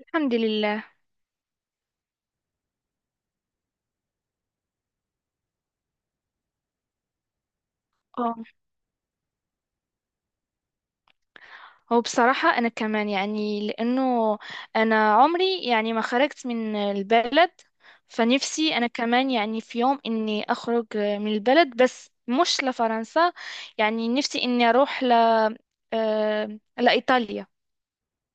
الحمد لله. اه هو بصراحة أنا كمان، يعني لأنه أنا عمري يعني ما خرجت من البلد، فنفسي أنا كمان يعني في يوم إني أخرج من البلد بس مش لفرنسا. يعني نفسي إني أروح ل لإيطاليا.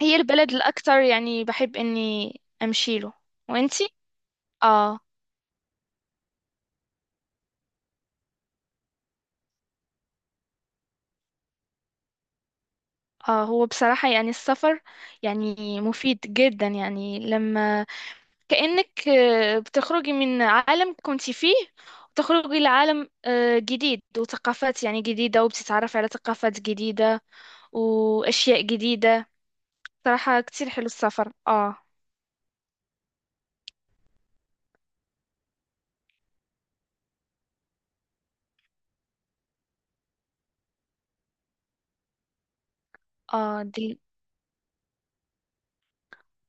هي البلد الأكثر يعني بحب إني أمشي له. وإنتي؟ آه هو بصراحة يعني السفر يعني مفيد جدا، يعني لما كأنك بتخرجي من عالم كنت فيه وتخرجي لعالم جديد وثقافات يعني جديدة، وبتتعرفي على ثقافات جديدة وأشياء جديدة. صراحة كتير حلو السفر، اه. اه دي،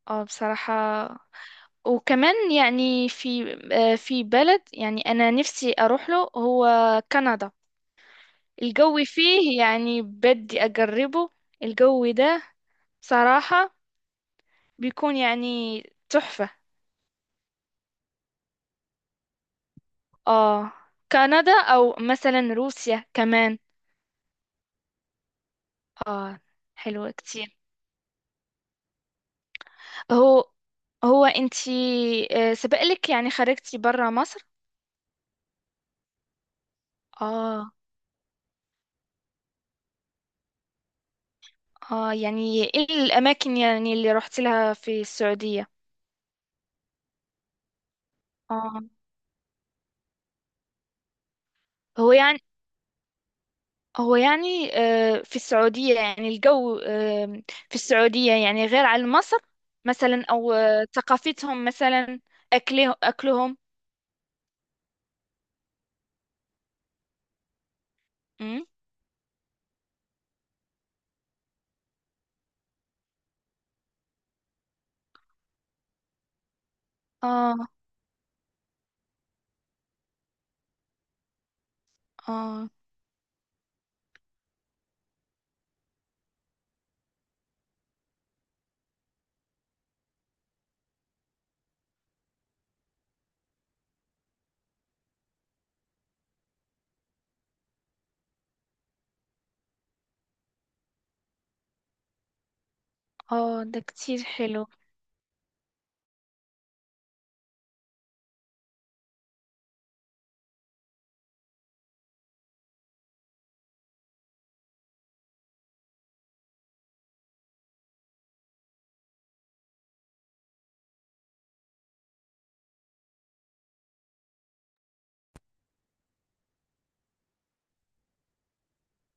اه بصراحة. وكمان يعني في في بلد يعني أنا نفسي أروح له، هو كندا. الجو فيه يعني بدي أجربه، الجو ده صراحة بيكون يعني تحفة. اه، كندا او مثلا روسيا كمان. اه، حلو كتير. هو هو انتي سبقلك يعني خرجتي برا مصر؟ اه. اه، يعني ايه الاماكن يعني اللي رحت لها في السعودية؟ اه. هو يعني هو يعني في السعودية يعني الجو في السعودية يعني غير عن مصر مثلا، او ثقافتهم مثلا، اكله اكلهم. مم. اه، اه. اه ده كتير حلو.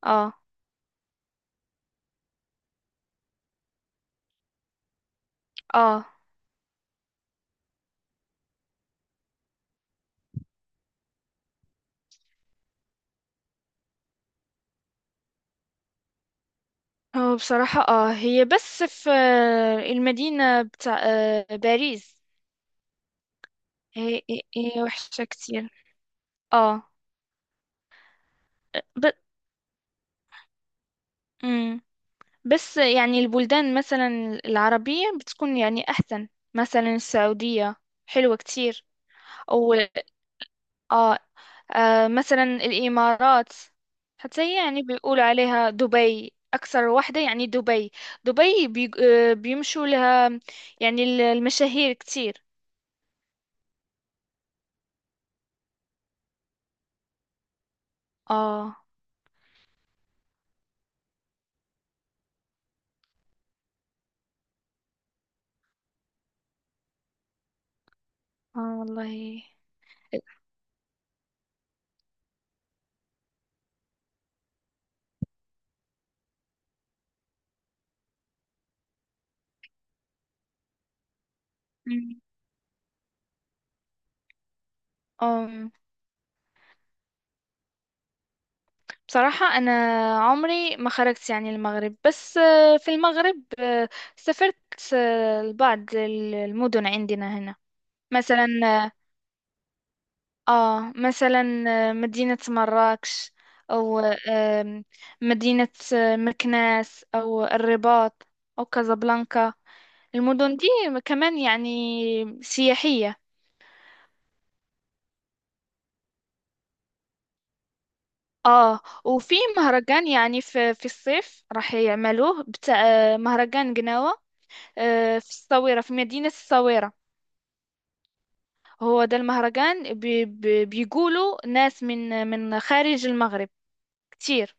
اه اه، هو بصراحة اه، هي بس في المدينة بتاع باريس. هي وحشة كتير. اه. ب... مم. بس يعني البلدان مثلا العربية بتكون يعني أحسن، مثلا السعودية حلوة كتير. أو اه، مثلا الإمارات. حتى هي يعني بيقولوا عليها دبي أكثر واحدة، يعني دبي. دبي بي... بيمشوا لها يعني المشاهير كتير. اه، اه والله. مم. أم، بصراحة أنا عمري ما خرجت يعني المغرب، بس في المغرب سافرت لبعض المدن عندنا هنا. مثلا آه مثلا مدينة مراكش. أو آم، مدينة مكناس أو الرباط أو كازابلانكا. المدن دي كمان يعني سياحية. اه، وفي مهرجان يعني في الصيف راح يعملوه بتاع مهرجان قناوة، في الصويرة، في مدينة الصويرة. هو ده المهرجان بي بي بيقولوا ناس من خارج المغرب كتير،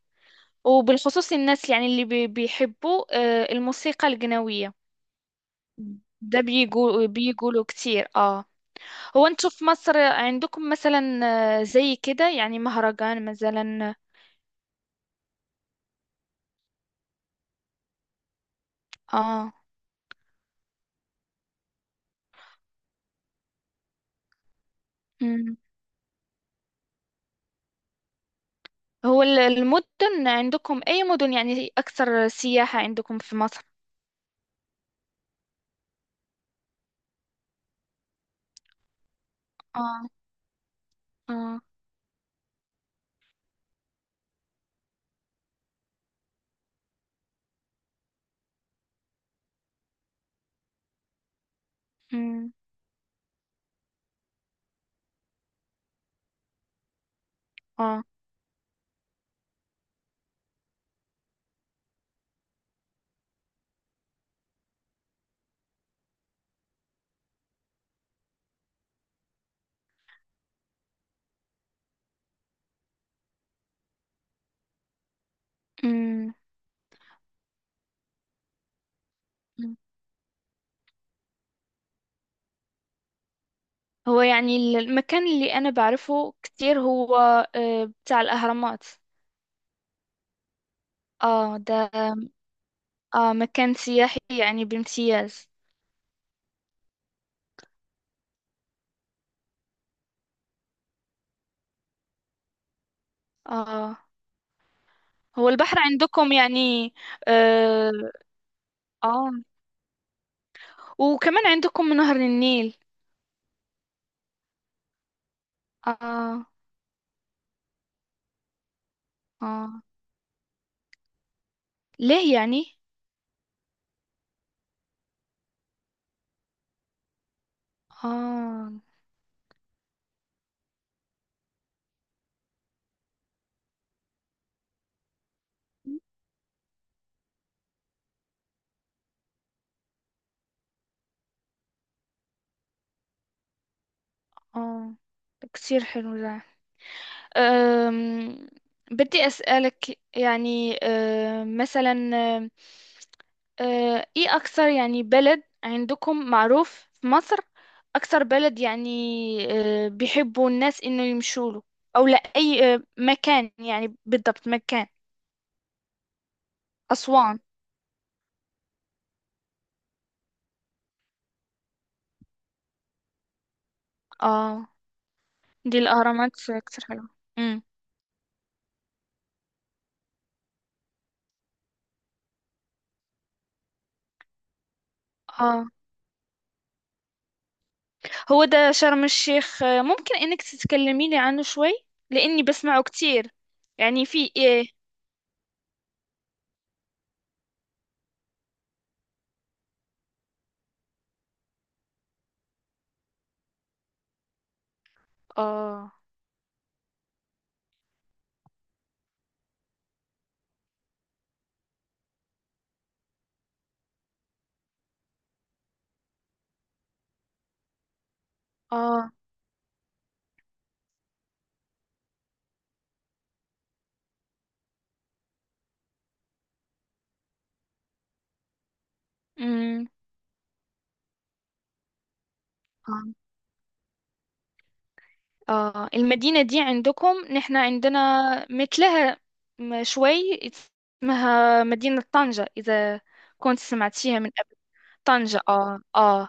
وبالخصوص الناس يعني اللي بيحبوا الموسيقى القناوية. ده بيقول بيقولوا كتير، اه. هو انتوا في مصر عندكم مثلا زي كده يعني مهرجان مثلا؟ اه، هو المدن عندكم أي مدن يعني أكثر سياحة عندكم في مصر؟ اه، اه، امم، اه، امم، أمم. هو يعني المكان اللي أنا بعرفه كتير هو بتاع الأهرامات. اه ده، اه مكان سياحي يعني بامتياز. اه، هو البحر عندكم يعني؟ اه، آه. وكمان عندكم نهر النيل. اه، اه، ليه يعني؟ اه، اه، كتير حلو ده. أم، بدي أسألك يعني، أم، مثلا، أم، أه، ايه اكثر يعني بلد عندكم معروف في مصر؟ اكثر بلد يعني أه، بيحبوا الناس انه يمشوا له، او لا اي أه، مكان يعني بالضبط مكان؟ اسوان. اه، دي الاهرامات كتير حلوه. امم، اه، هو ده شرم الشيخ أه، ممكن انك تتكلميني عنه شوي؟ لاني بسمعه كتير، يعني في ايه. اه، اه، امم، آه. اه، المدينة دي عندكم نحن عندنا مثلها شوي، اسمها مدينة طنجة، إذا كنت سمعتيها من قبل. طنجة، اه اه.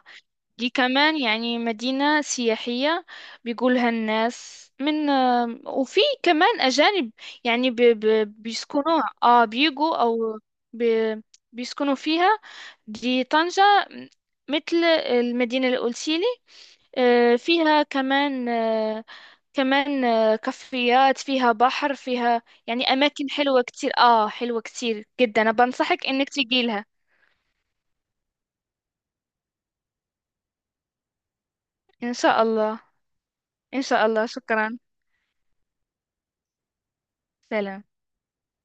دي كمان يعني مدينة سياحية، بيقولها الناس من آه، وفي كمان أجانب يعني ب ب بيسكنوها، اه بيجوا أو ب بيسكنوا فيها. دي طنجة مثل المدينة اللي قلتيلي. فيها كمان كافيات، فيها بحر، فيها يعني أماكن حلوة كتير، آه حلوة كتير جدا، أنا بنصحك إنك تجي لها. إن شاء الله. إن شاء الله، شكرا. سلام.